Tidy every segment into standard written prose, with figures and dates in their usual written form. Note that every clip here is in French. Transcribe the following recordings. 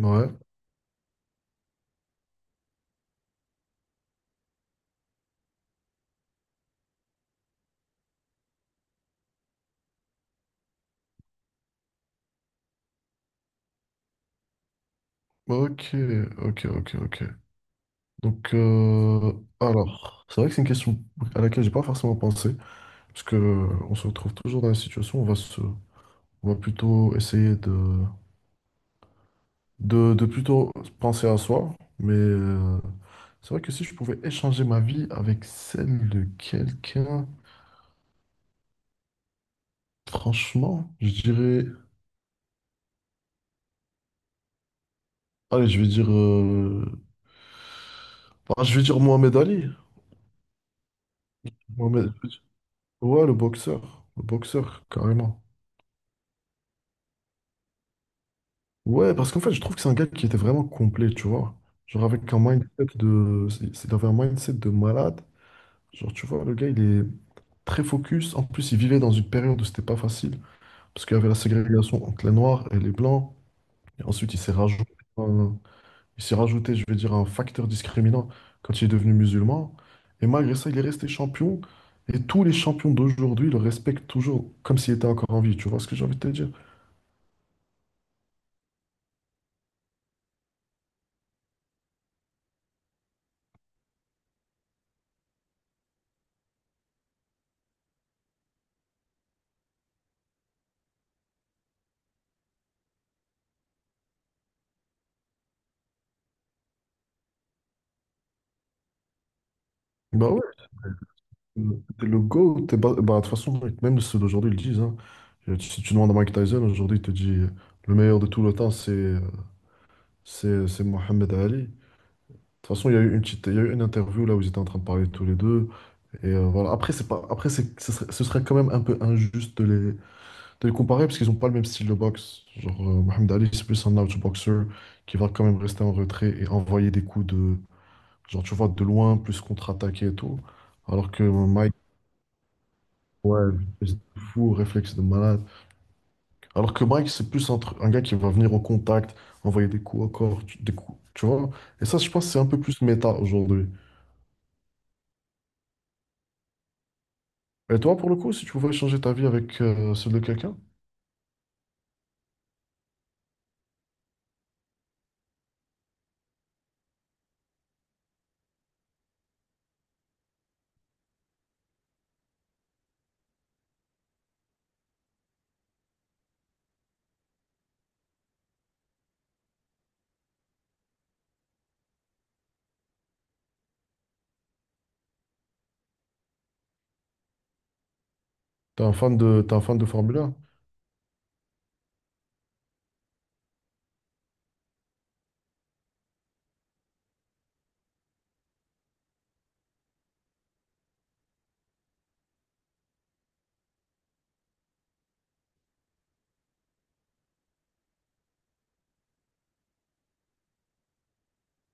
Ouais. Ok, ok, ok, ok. Donc, alors, c'est vrai que c'est une question à laquelle j'ai pas forcément pensé, parce que on se retrouve toujours dans la situation où on va plutôt essayer de plutôt penser à soi, mais c'est vrai que si je pouvais échanger ma vie avec celle de quelqu'un, franchement, je dirais, allez, je vais dire, bah, je vais dire Mohamed Ali. Mohamed- ouais, le boxeur, carrément. Ouais, parce qu'en fait, je trouve que c'est un gars qui était vraiment complet, tu vois. Genre, avec un mindset de il avait un mindset de malade. Genre, tu vois, le gars, il est très focus. En plus, il vivait dans une période où c'était pas facile, parce qu'il y avait la ségrégation entre les Noirs et les Blancs. Et ensuite, un- il s'est rajouté, je vais dire, un facteur discriminant quand il est devenu musulman. Et malgré ça, il est resté champion. Et tous les champions d'aujourd'hui le respectent toujours comme s'il était encore en vie. Tu vois ce que j'ai envie de te dire? Bah ouais. Le le GOAT, bah, de toute façon, mec, même ceux d'aujourd'hui ils le disent, hein. Si tu demandes à Mike Tyson, aujourd'hui, il te dit le meilleur de tout le temps, c'est Mohamed Ali. De toute façon, il y a eu il y a eu une interview là où ils étaient en train de parler tous les deux. Et voilà. Après, c'est pas, après c'est, ce serait quand même un peu injuste de les comparer parce qu'ils n'ont pas le même style de boxe. Genre, Mohamed Ali, c'est plus un outboxer qui va quand même rester en retrait et envoyer des coups genre, tu vois, de loin, plus contre-attaquer et tout. Alors que Mike. Ouais, espèce de fou, réflexe de malade. Alors que Mike, c'est plus un gars qui va venir au contact, envoyer des coups au corps, des coups, tu vois. Et ça, je pense que c'est un peu plus méta aujourd'hui. Et toi, pour le coup, si tu pouvais changer ta vie avec celle de quelqu'un, t'es un fan de Formule 1?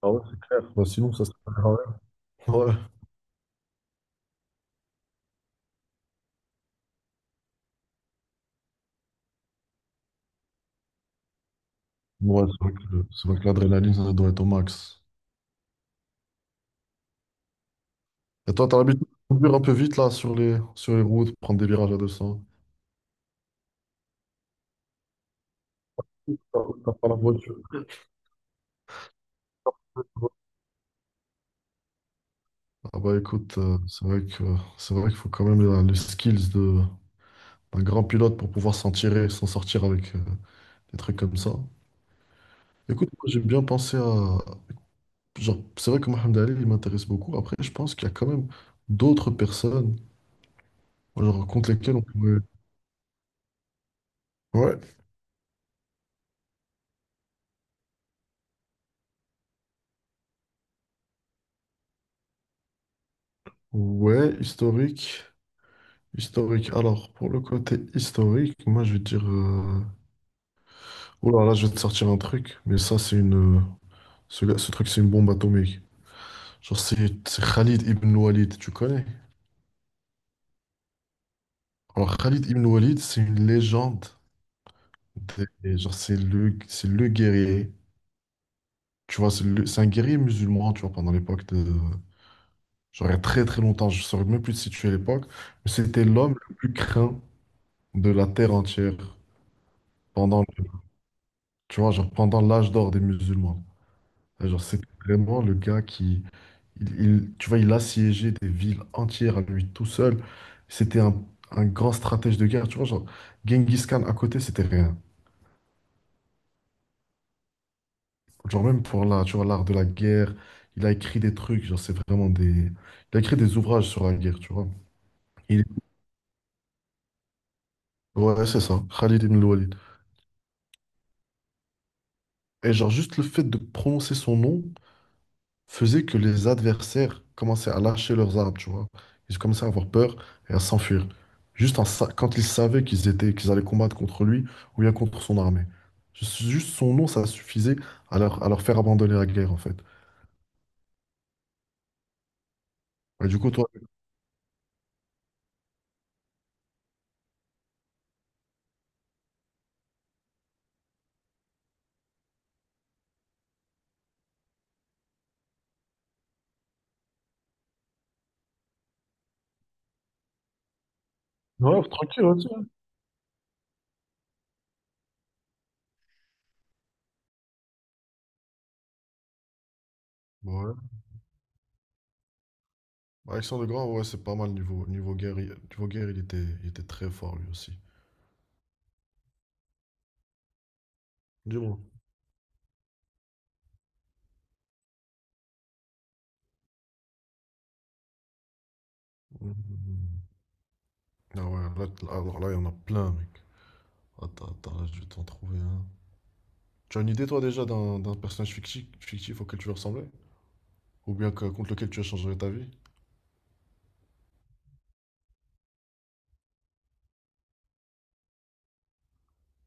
Ah ouais, c'est clair. Bah, sinon, ça serait pas grave. Ouais, ouais, c'est vrai que l'adrénaline, ça doit être au max. Et toi, t'as l'habitude de conduire un peu vite là sur les routes, prendre des virages à 200. T'as t'as pas la voiture. Ah bah écoute, c'est vrai qu'il faut quand même le skills de d'un grand pilote pour pouvoir s'en tirer, s'en sortir avec des trucs comme ça. Écoute, moi, j'ai bien pensé à genre c'est vrai que Mohamed Ali il m'intéresse beaucoup. Après, je pense qu'il y a quand même d'autres personnes genre, contre lesquelles on pourrait. Ouais, ouais, historique, historique. Alors pour le côté historique, moi je vais te dire oh là là, je vais te sortir un truc, mais ça c'est une ce truc c'est une bombe atomique. Genre, c'est Khalid ibn Walid, tu connais? Alors, Khalid ibn Walid, c'est une légende. Genre, c'est le guerrier. Tu vois, c'est un guerrier musulman, tu vois, pendant l'époque de. Genre, il y a très très longtemps, je ne saurais même plus te situer à l'époque, mais c'était l'homme le plus craint de la terre entière pendant, le- tu vois, genre, pendant l'âge d'or des musulmans. Et genre, c'était vraiment le gars qui. Tu vois, il assiégeait des villes entières à lui tout seul. C'était un grand stratège de guerre. Tu vois, genre, Genghis Khan à côté, c'était rien. Genre, même pour l'art, tu vois, l'art de la guerre, il a écrit des trucs, genre c'est vraiment des. Il a écrit des ouvrages sur la guerre, tu vois. Il- Ouais, c'est ça, Khalid ibn al-Walid. Et genre juste le fait de prononcer son nom faisait que les adversaires commençaient à lâcher leurs armes, tu vois. Ils commençaient à avoir peur et à s'enfuir. Juste quand ils savaient qu'ils allaient combattre contre lui ou bien contre son armée. Juste son nom, ça suffisait à leur faire abandonner la guerre, en fait. Et du coup, toi. Ouais, tranquille, ouais, tiens. Bah, Alexandre Grand, ouais, c'est pas mal niveau guerre. Niveau guerre, il était très fort lui aussi. Dis-moi. Mhm. Ah ouais, là, alors là, il y en a plein, mec. Attends, attends, là, je vais t'en trouver un. Tu as une idée, toi, déjà, d'un personnage fictif auquel tu veux ressembler? Ou bien contre lequel tu as changé ta vie?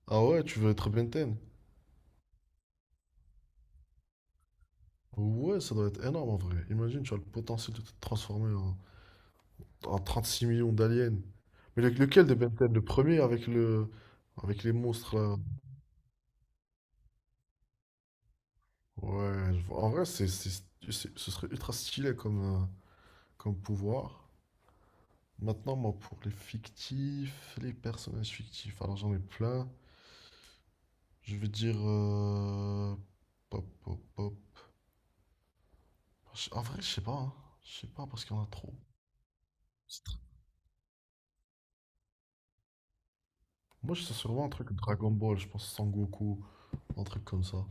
Ah ouais, tu veux être Ben 10? Ouais, ça doit être énorme en vrai. Imagine, tu as le potentiel de te transformer en 36 millions d'aliens. Mais lequel de Ben 10? Le premier avec les monstres là. Ouais, je vois. En vrai, ce serait ultra stylé comme pouvoir. Maintenant, moi, pour les fictifs, les personnages fictifs, alors j'en ai plein. Je vais dire, pop, pop, pop. En vrai, je sais pas, hein. Je sais pas parce qu'il y en a trop. C'est tr- Moi, je sais sûrement un truc Dragon Ball, je pense Sangoku, un truc comme ça.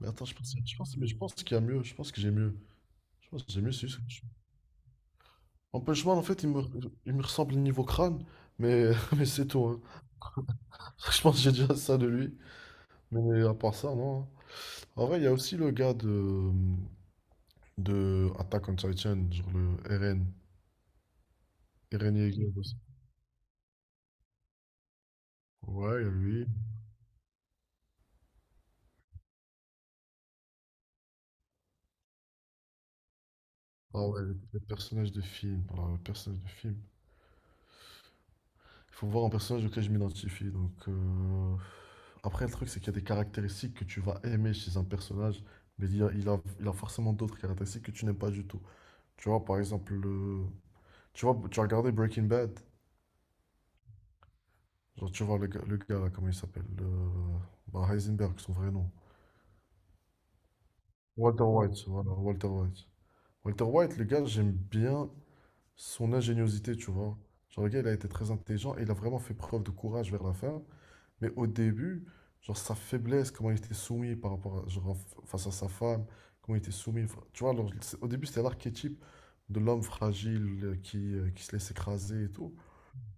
Mais attends, mais je pense qu'il y a mieux. Je pense que j'ai mieux. Je pense que j'ai mieux, c'est juste. En Punch Man, en fait, il me ressemble niveau crâne, mais, mais c'est tout, hein. Je pense que j'ai déjà ça de lui. Mais à part ça, non, hein. En vrai, il y a aussi le gars de Attack on Titan, genre le RN. Eren Yeager aussi. Ouais, il y a lui. Ah ouais, le personnage de film. Alors, le personnage de film. Il faut voir un personnage auquel je m'identifie. Donc, après, le truc, c'est qu'il y a des caractéristiques que tu vas aimer chez un personnage, mais il a forcément d'autres caractéristiques que tu n'aimes pas du tout. Tu vois, par exemple, le. Tu vois, tu as regardé Breaking Bad. Genre, tu vois, le gars, là, comment il s'appelle? Bah, Heisenberg, son vrai nom. Walter White, voilà, Walter White. Walter White, le gars, j'aime bien son ingéniosité, tu vois. Genre, le gars, il a été très intelligent et il a vraiment fait preuve de courage vers la fin. Mais au début, genre, sa faiblesse, comment il était soumis par rapport genre, face à sa femme, comment il était soumis. Enfin, tu vois, alors, au début, c'était l'archétype de l'homme fragile qui se laisse écraser et tout.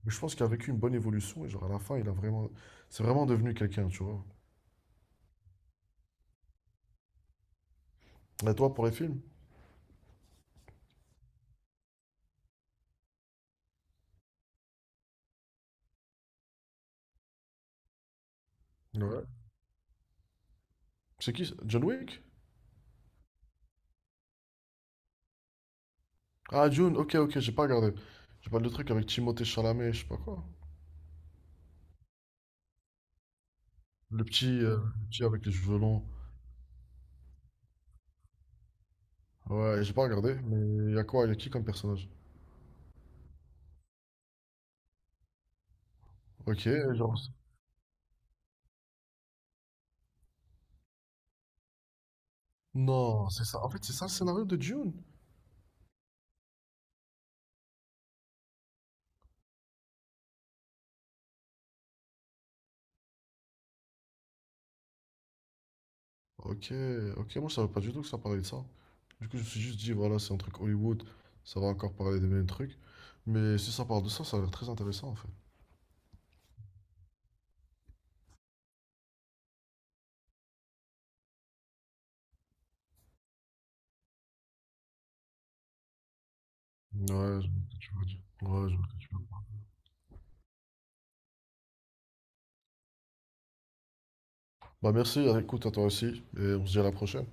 Mais je pense qu'il a vécu une bonne évolution et, genre, à la fin, il a vraiment. C'est vraiment devenu quelqu'un, tu vois. Et toi, pour les films? Ouais. C'est qui, ça, John Wick? Ah, Dune, ok, ok, j'ai pas regardé. J'ai pas le truc avec Timothée Chalamet, je sais pas quoi. Le petit avec les cheveux longs. Ouais, j'ai pas regardé, mais y a quoi? Y a qui comme personnage? Ok, genre. Non, c'est ça. En fait, c'est ça le scénario de Dune. Ok, ok, moi je savais pas du tout que ça parlait de ça. Du coup, je me suis juste dit, voilà, c'est un truc Hollywood, ça va encore parler des mêmes trucs. Mais si ça parle de ça, ça a l'air très intéressant en fait. Ouais, je vois ce que tu veux dire. Ouais, je vois ce que tu veux dire. Bah merci, hein. Écoute, à toi aussi, et on se dit à la prochaine.